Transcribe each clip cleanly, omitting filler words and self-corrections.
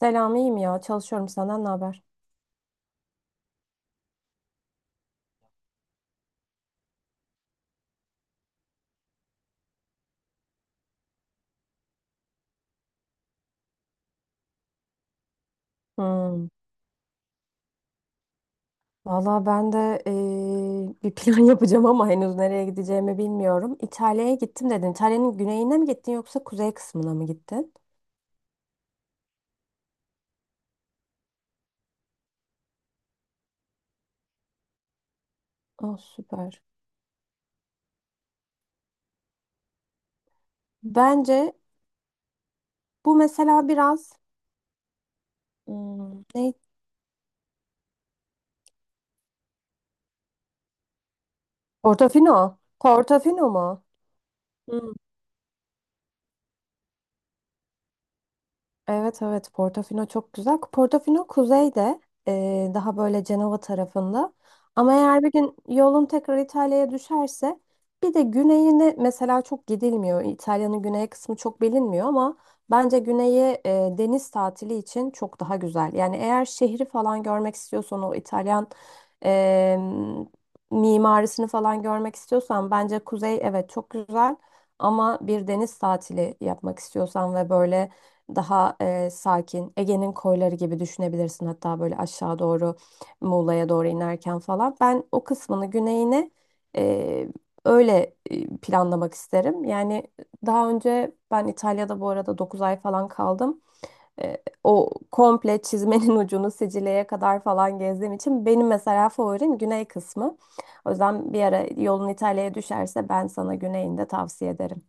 Selam, iyiyim ya. Çalışıyorum. Senden ne haber? Hmm. Valla ben de bir plan yapacağım ama henüz nereye gideceğimi bilmiyorum. İtalya'ya gittim dedin. İtalya'nın güneyine mi gittin yoksa kuzey kısmına mı gittin? Oh süper. Bence bu mesela biraz hmm, ne? Portofino. Portofino mu? Evet evet Portofino çok güzel. Portofino kuzeyde, daha böyle Cenova tarafında. Ama eğer bir gün yolun tekrar İtalya'ya düşerse bir de güneyine mesela çok gidilmiyor. İtalya'nın güney kısmı çok bilinmiyor ama bence güneyi, deniz tatili için çok daha güzel. Yani eğer şehri falan görmek istiyorsan o İtalyan, eee, mimarisini falan görmek istiyorsan bence kuzey evet çok güzel. Ama bir deniz tatili yapmak istiyorsan ve böyle daha sakin. Ege'nin koyları gibi düşünebilirsin. Hatta böyle aşağı doğru Muğla'ya doğru inerken falan. Ben o kısmını güneyini e, öyle planlamak isterim. Yani daha önce ben İtalya'da bu arada 9 ay falan kaldım. E, O komple çizmenin ucunu Sicilya'ya kadar falan gezdiğim için benim mesela favorim güney kısmı. O yüzden bir ara yolun İtalya'ya düşerse ben sana güneyini de tavsiye ederim.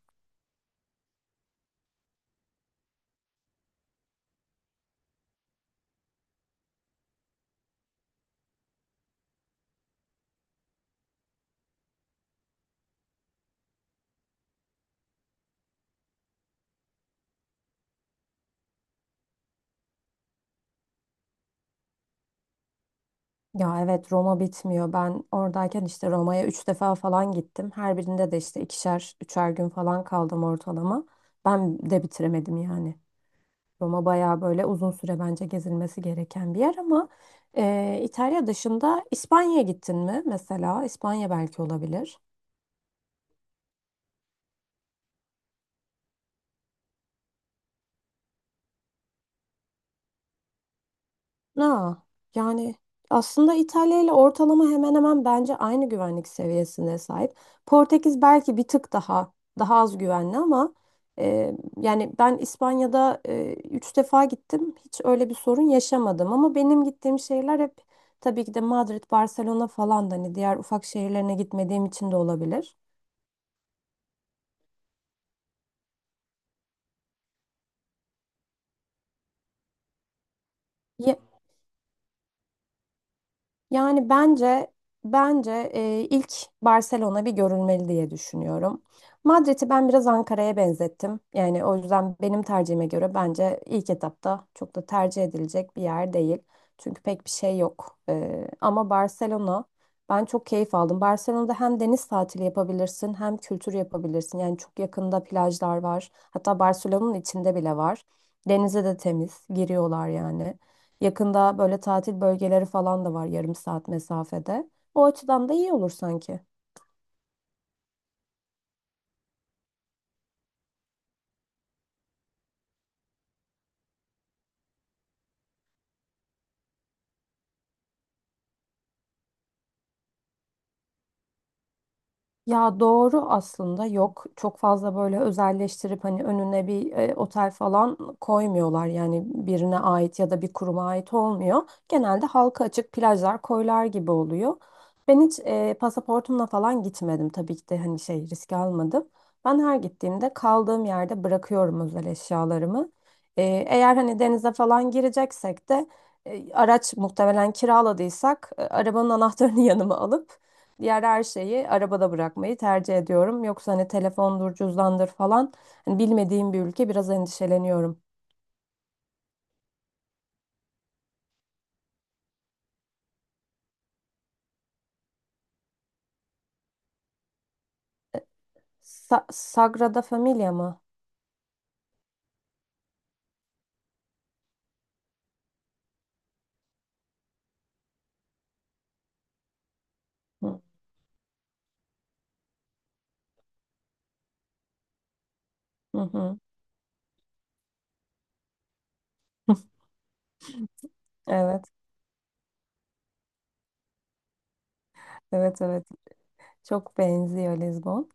Ya evet Roma bitmiyor. Ben oradayken işte Roma'ya 3 defa falan gittim. Her birinde de işte ikişer, üçer gün falan kaldım ortalama. Ben de bitiremedim yani. Roma bayağı böyle uzun süre bence gezilmesi gereken bir yer ama İtalya dışında İspanya'ya gittin mi mesela? İspanya belki olabilir. Ha, yani aslında İtalya ile ortalama hemen hemen bence aynı güvenlik seviyesine sahip. Portekiz belki bir tık daha az güvenli ama e, yani ben İspanya'da 3 defa gittim. Hiç öyle bir sorun yaşamadım ama benim gittiğim şehirler hep tabii ki de Madrid, Barcelona falan da hani diğer ufak şehirlerine gitmediğim için de olabilir. Yani bence ilk Barcelona bir görülmeli diye düşünüyorum. Madrid'i ben biraz Ankara'ya benzettim. Yani o yüzden benim tercihime göre bence ilk etapta çok da tercih edilecek bir yer değil. Çünkü pek bir şey yok. Ama Barcelona ben çok keyif aldım. Barcelona'da hem deniz tatili yapabilirsin hem kültür yapabilirsin. Yani çok yakında plajlar var. Hatta Barcelona'nın içinde bile var. Denize de temiz giriyorlar yani. Yakında böyle tatil bölgeleri falan da var yarım saat mesafede. O açıdan da iyi olur sanki. Ya doğru aslında yok çok fazla böyle özelleştirip hani önüne bir otel falan koymuyorlar yani birine ait ya da bir kuruma ait olmuyor. Genelde halka açık plajlar koylar gibi oluyor. Ben hiç pasaportumla falan gitmedim tabii ki de hani şey risk almadım. Ben her gittiğimde kaldığım yerde bırakıyorum özel eşyalarımı. Eğer hani denize falan gireceksek de araç muhtemelen kiraladıysak arabanın anahtarını yanıma alıp diğer her şeyi arabada bırakmayı tercih ediyorum. Yoksa hani telefondur, cüzdandır falan. Hani bilmediğim bir ülke biraz endişeleniyorum. Sagrada Familia mı? Hı hı, hı. Evet, evet, evet. Çok benziyor Lizbon.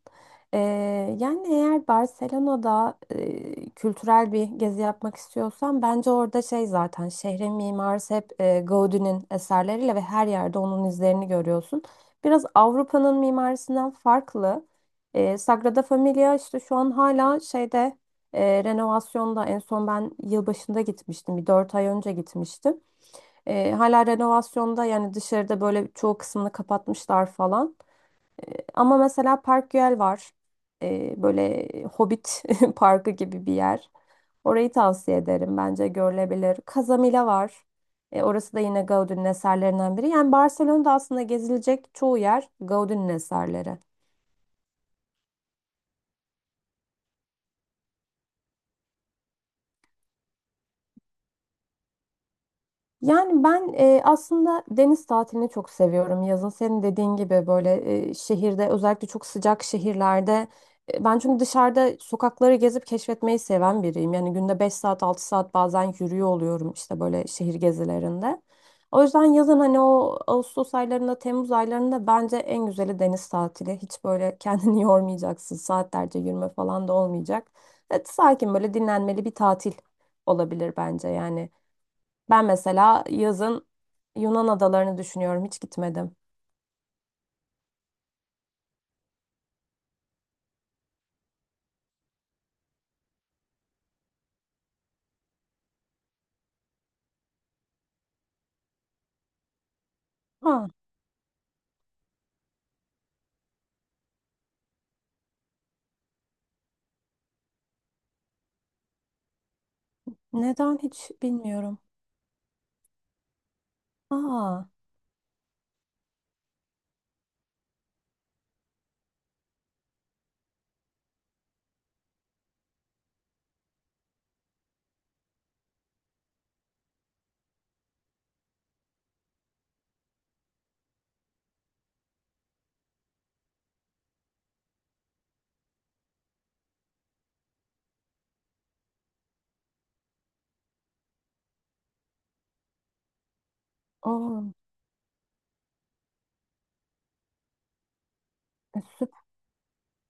Ee, Yani eğer Barcelona'da kültürel bir gezi yapmak istiyorsan bence orada şey zaten şehrin mimarisi hep Gauguin'in eserleriyle ve her yerde onun izlerini görüyorsun. Biraz Avrupa'nın mimarisinden farklı. Sagrada Familia işte şu an hala şeyde renovasyonda en son ben yılbaşında gitmiştim. Bir 4 ay önce gitmiştim. Hala renovasyonda yani dışarıda böyle çoğu kısmını kapatmışlar falan. Ama mesela Park Güell var. Böyle Hobbit parkı gibi bir yer. Orayı tavsiye ederim. Bence görülebilir. Casamila var. Orası da yine Gaudí'nin eserlerinden biri. Yani Barcelona'da aslında gezilecek çoğu yer Gaudí'nin eserleri. Yani ben aslında deniz tatilini çok seviyorum yazın. Senin dediğin gibi böyle şehirde özellikle çok sıcak şehirlerde ben çünkü dışarıda sokakları gezip keşfetmeyi seven biriyim. Yani günde 5 saat 6 saat bazen yürüyor oluyorum işte böyle şehir gezilerinde. O yüzden yazın hani o Ağustos aylarında Temmuz aylarında bence en güzeli deniz tatili. Hiç böyle kendini yormayacaksın saatlerce yürüme falan da olmayacak. Evet, sakin böyle dinlenmeli bir tatil olabilir bence yani. Ben mesela yazın Yunan adalarını düşünüyorum. Hiç gitmedim. Ha, neden hiç bilmiyorum. Aa, o,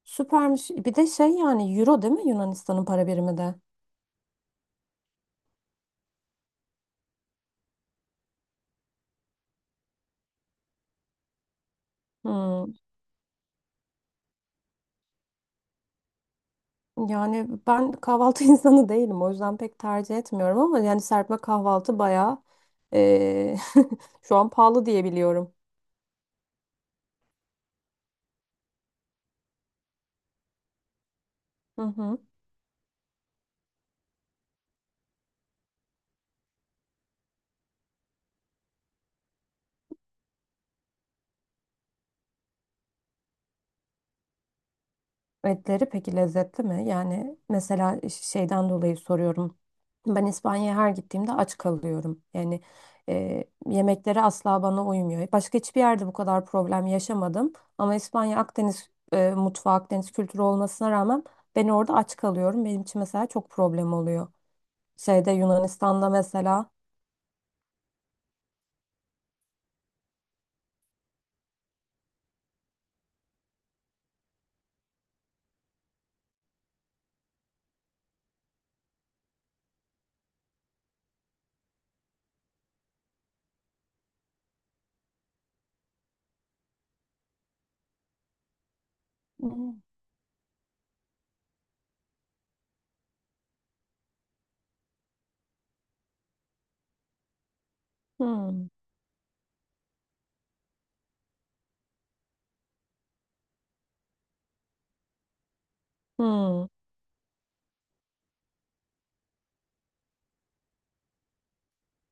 süpermiş. Bir de şey yani euro değil mi Yunanistan'ın para birimi de? Hmm, yani ben kahvaltı insanı değilim. O yüzden pek tercih etmiyorum ama yani serpme kahvaltı bayağı, eee, şu an pahalı diye biliyorum. Hı hı. Etleri peki lezzetli mi? Yani mesela şeyden dolayı soruyorum. Ben İspanya'ya her gittiğimde aç kalıyorum. Yani yemekleri asla bana uymuyor. Başka hiçbir yerde bu kadar problem yaşamadım. Ama İspanya Akdeniz mutfağı, Akdeniz kültürü olmasına rağmen ben orada aç kalıyorum. Benim için mesela çok problem oluyor. Şeyde Yunanistan'da mesela. Hmm, hmm, hmm.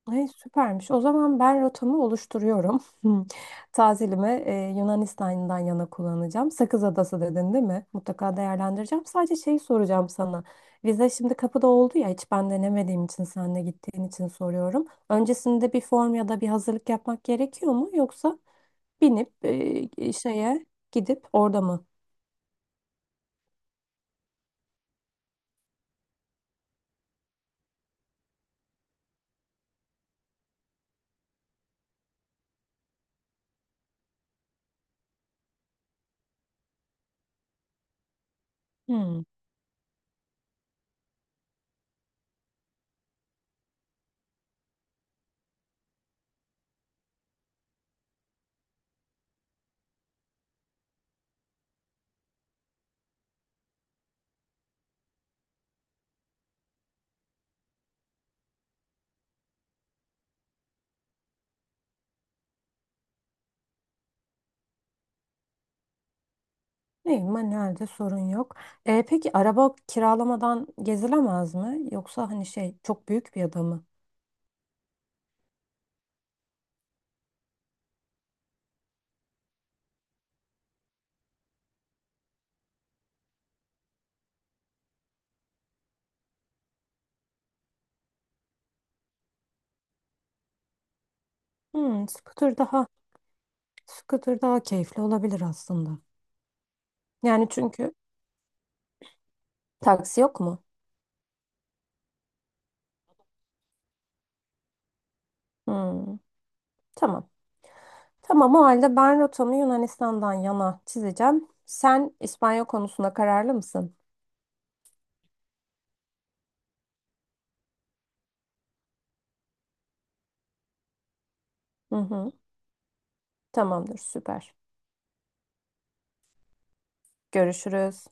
Ay, süpermiş. O zaman ben rotamı oluşturuyorum. Tazilimi Yunanistan'dan yana kullanacağım. Sakız Adası dedin değil mi? Mutlaka değerlendireceğim. Sadece şey soracağım sana. Vize şimdi kapıda oldu ya hiç ben denemediğim için sen de gittiğin için soruyorum. Öncesinde bir form ya da bir hazırlık yapmak gerekiyor mu? Yoksa binip şeye gidip orada mı? Hmm. İyi, manuelde sorun yok. E, peki araba kiralamadan gezilemez mi? Yoksa hani şey çok büyük bir ada mı? Hmm, scooter daha keyifli olabilir aslında. Yani çünkü taksi yok mu? Hmm, tamam. Tamam o halde ben rotamı Yunanistan'dan yana çizeceğim. Sen İspanya konusunda kararlı mısın? Hı hı, tamamdır süper. Görüşürüz.